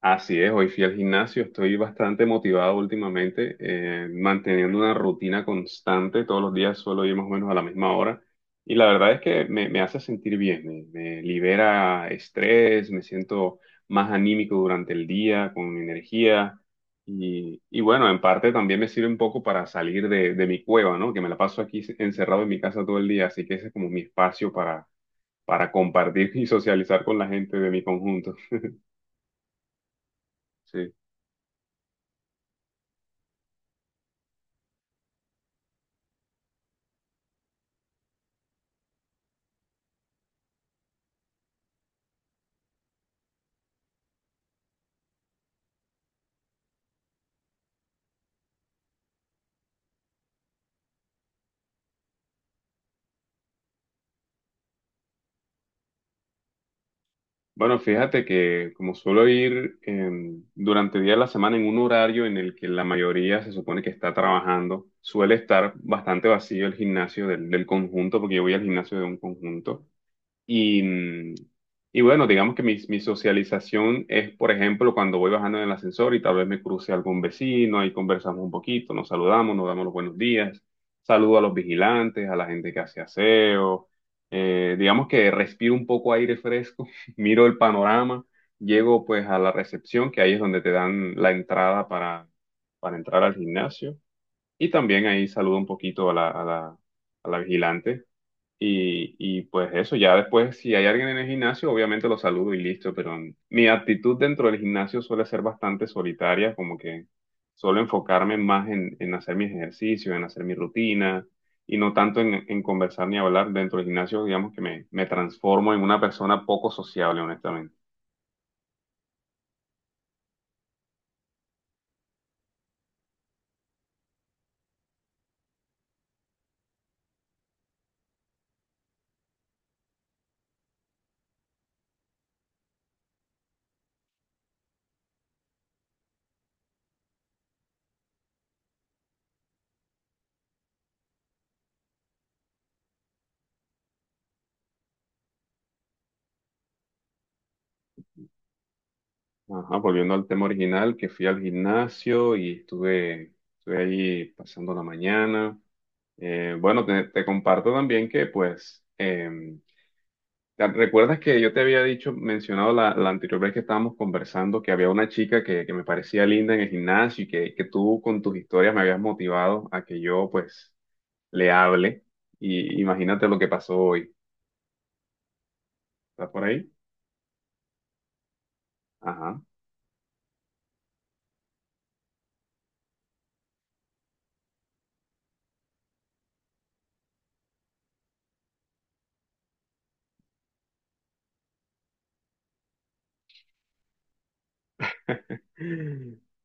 Así es, hoy fui al gimnasio, estoy bastante motivado últimamente, manteniendo una rutina constante, todos los días suelo ir más o menos a la misma hora y la verdad es que me hace sentir bien, me libera estrés, me siento más anímico durante el día, con energía y bueno, en parte también me sirve un poco para salir de mi cueva, ¿no? Que me la paso aquí encerrado en mi casa todo el día, así que ese es como mi espacio para compartir y socializar con la gente de mi conjunto. Sí. Bueno, fíjate que como suelo ir durante el día de la semana en un horario en el que la mayoría se supone que está trabajando, suele estar bastante vacío el gimnasio del conjunto, porque yo voy al gimnasio de un conjunto. Y, mm, y bueno, digamos que mi socialización es, por ejemplo, cuando voy bajando en el ascensor y tal vez me cruce algún vecino, ahí conversamos un poquito, nos saludamos, nos damos los buenos días, saludo a los vigilantes, a la gente que hace aseo, digamos que respiro un poco aire fresco, miro el panorama, llego pues a la recepción, que ahí es donde te dan la entrada para entrar al gimnasio, y también ahí saludo un poquito a a la vigilante. Y pues eso, ya después, si hay alguien en el gimnasio, obviamente lo saludo y listo, pero mi actitud dentro del gimnasio suele ser bastante solitaria, como que suelo enfocarme más en hacer mis ejercicios, en hacer mi rutina y no tanto en conversar ni hablar dentro del gimnasio, digamos que me transformo en una persona poco sociable, honestamente. Ajá, volviendo al tema original, que fui al gimnasio y estuve allí pasando la mañana. Bueno, te comparto también que ¿Te- ¿Recuerdas que yo te había dicho, mencionado la anterior vez que estábamos conversando, que había una chica que me parecía linda en el gimnasio y que tú con tus historias me habías motivado a que yo pues le hable? Y imagínate lo que pasó hoy. ¿Estás por ahí? Ajá.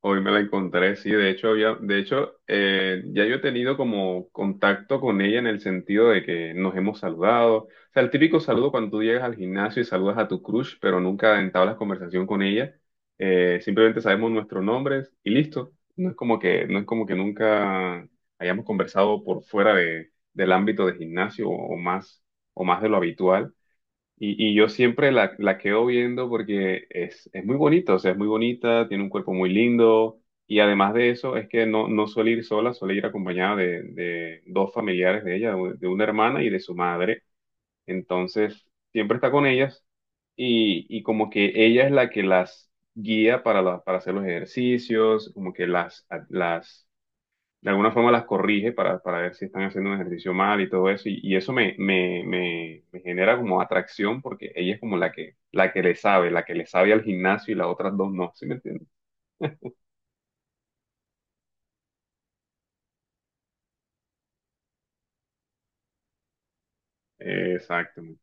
Hoy me la encontré, sí, de hecho, ya yo he tenido como contacto con ella en el sentido de que nos hemos saludado. O sea, el típico saludo cuando tú llegas al gimnasio y saludas a tu crush, pero nunca entablas conversación con ella. Simplemente sabemos nuestros nombres y listo. No es como que nunca hayamos conversado por fuera del ámbito de gimnasio o o más de lo habitual. Y yo siempre la quedo viendo porque es muy bonita, o sea, es muy bonita, tiene un cuerpo muy lindo y además de eso es que no, no suele ir sola, suele ir acompañada de dos familiares de ella, de una hermana y de su madre. Entonces, siempre está con ellas y como que ella es la que las guía para hacer los ejercicios, como que las de alguna forma las corrige para ver si están haciendo un ejercicio mal y todo eso. Y eso me genera como atracción porque ella es como la que le sabe, la que le sabe al gimnasio y las otras dos no, ¿sí me entiendes? Exactamente.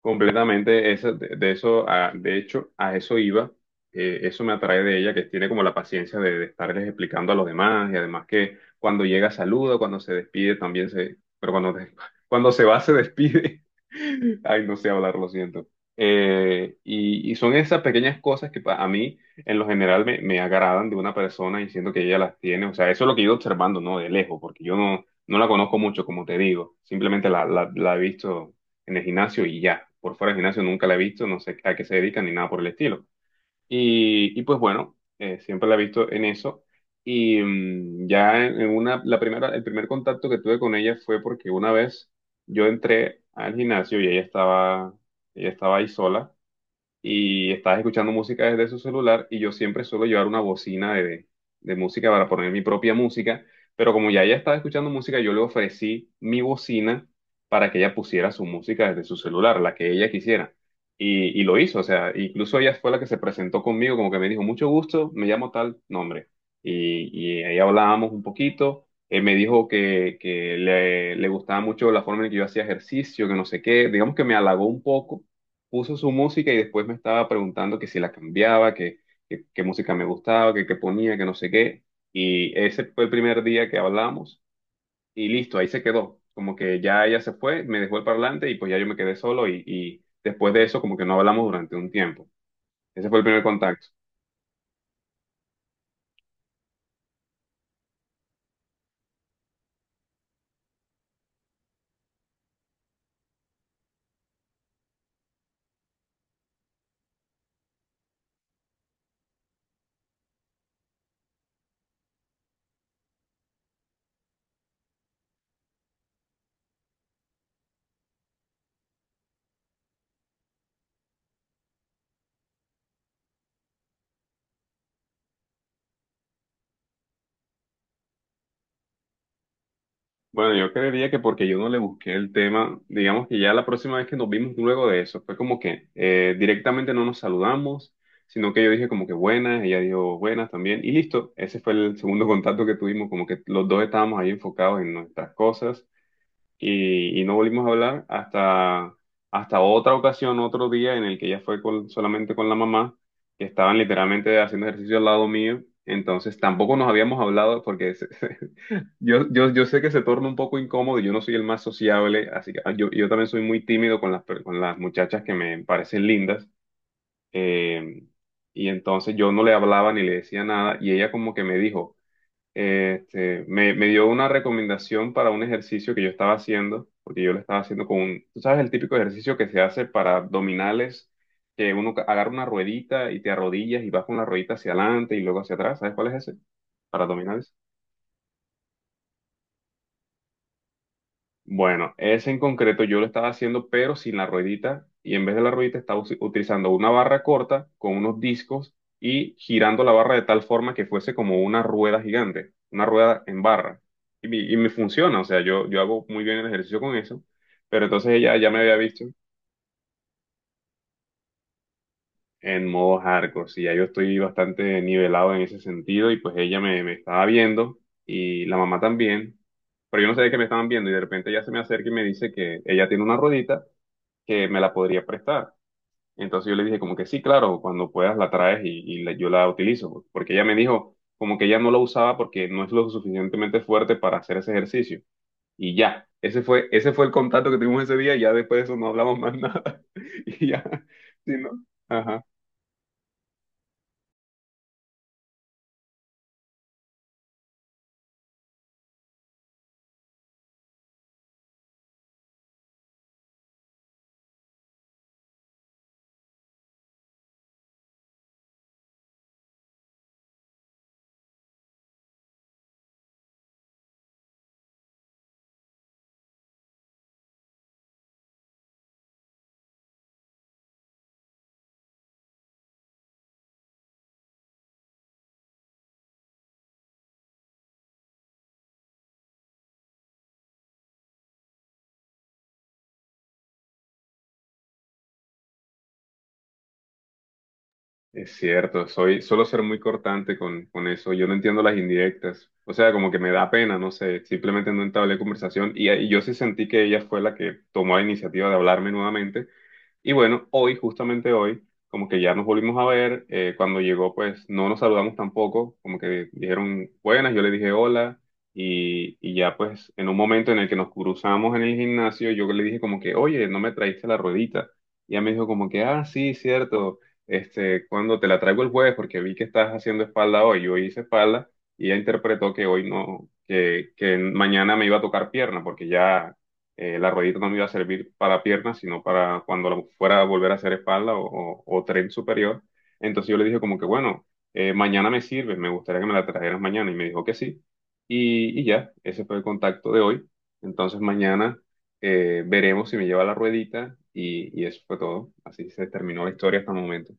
Completamente, de eso, de hecho, a eso iba, eso me atrae de ella, que tiene como la paciencia de estarles explicando a los demás, y además que cuando llega saluda, cuando se despide también se, pero cuando se va se despide. Ay, no sé hablar, lo siento. Y son esas pequeñas cosas que a mí, en lo general, me agradan de una persona y siento que ella las tiene, o sea, eso es lo que he ido observando, ¿no? De lejos, porque yo no, no la conozco mucho, como te digo, simplemente la he visto en el gimnasio y ya. Por fuera del gimnasio nunca la he visto, no sé a qué se dedican ni nada por el estilo. Y pues bueno, siempre la he visto en eso. Y ya en una, la primera, el primer contacto que tuve con ella fue porque una vez yo entré al gimnasio y ella estaba ahí sola y estás escuchando música desde su celular y yo siempre suelo llevar una bocina de música para poner mi propia música, pero como ya ella estaba escuchando música, yo le ofrecí mi bocina para que ella pusiera su música desde su celular, la que ella quisiera. Y lo hizo, o sea, incluso ella fue la que se presentó conmigo, como que me dijo, mucho gusto, me llamo tal nombre. Y, y ahí hablábamos un poquito. Él me dijo que le gustaba mucho la forma en que yo hacía ejercicio, que no sé qué. Digamos que me halagó un poco, puso su música y después me estaba preguntando que si la cambiaba, qué música me gustaba, que qué ponía, que no sé qué. Y ese fue el primer día que hablamos y listo, ahí se quedó. Como que ya ella se fue, me dejó el parlante y pues ya yo me quedé solo y después de eso como que no hablamos durante un tiempo. Ese fue el primer contacto. Bueno, yo creería que porque yo no le busqué el tema, digamos que ya la próxima vez que nos vimos luego de eso, fue como que directamente no nos saludamos, sino que yo dije como que buenas, ella dijo buenas también, y listo, ese fue el segundo contacto que tuvimos, como que los dos estábamos ahí enfocados en nuestras cosas y no volvimos a hablar hasta otra ocasión, otro día en el que ella fue solamente con la mamá, que estaban literalmente haciendo ejercicio al lado mío, entonces tampoco nos habíamos hablado porque... Yo sé que se torna un poco incómodo, y yo no soy el más sociable, así que yo también soy muy tímido con con las muchachas que me parecen lindas, eh, y entonces yo no le hablaba ni le decía nada, y ella como que me dijo, me dio una recomendación para un ejercicio que yo estaba haciendo, porque yo lo estaba haciendo con un, tú sabes, el típico ejercicio que se hace para abdominales, que uno agarra una ruedita y te arrodillas y vas con la ruedita hacia adelante y luego hacia atrás, ¿sabes cuál es ese? Para abdominales. Bueno, ese en concreto yo lo estaba haciendo, pero sin la ruedita, y en vez de la ruedita estaba utilizando una barra corta con unos discos y girando la barra de tal forma que fuese como una rueda gigante, una rueda en barra. Y y me funciona, o sea, yo hago muy bien el ejercicio con eso, pero entonces ella ya me había visto en modo hardcore, sí, ya yo estoy bastante nivelado en ese sentido, y pues me estaba viendo, y la mamá también, pero yo no sabía que me estaban viendo, y de repente ella se me acerca y me dice que ella tiene una ruedita que me la podría prestar. Entonces yo le dije como que sí, claro, cuando puedas la traes y yo la utilizo, porque ella me dijo como que ella no la usaba porque no es lo suficientemente fuerte para hacer ese ejercicio. Y ya, ese fue el contacto que tuvimos ese día y ya después de eso no hablamos más nada. Y ya, sí, ¿no? Ajá. Es cierto, soy, suelo ser muy cortante con eso, yo no entiendo las indirectas, o sea, como que me da pena, no sé, simplemente no entablé conversación y yo sí sentí que ella fue la que tomó la iniciativa de hablarme nuevamente. Y bueno, hoy, justamente hoy, como que ya nos volvimos a ver, cuando llegó pues no nos saludamos tampoco, como que dijeron buenas, yo le dije hola y ya pues en un momento en el que nos cruzamos en el gimnasio, yo le dije como que, oye, no me traíste la ruedita. Y ella me dijo como que, ah, sí, cierto, este, cuando te la traigo el jueves porque vi que estás haciendo espalda hoy, yo hice espalda y ella interpretó que hoy no, que mañana me iba a tocar pierna porque ya la ruedita no me iba a servir para piernas, sino para cuando la fuera a volver a hacer espalda o tren superior. Entonces yo le dije como que, bueno, mañana me sirve, me gustaría que me la trajeras mañana. Y me dijo que sí. Y ya, ese fue el contacto de hoy. Entonces mañana veremos si me lleva la ruedita y eso fue todo. Así se terminó la historia hasta el momento.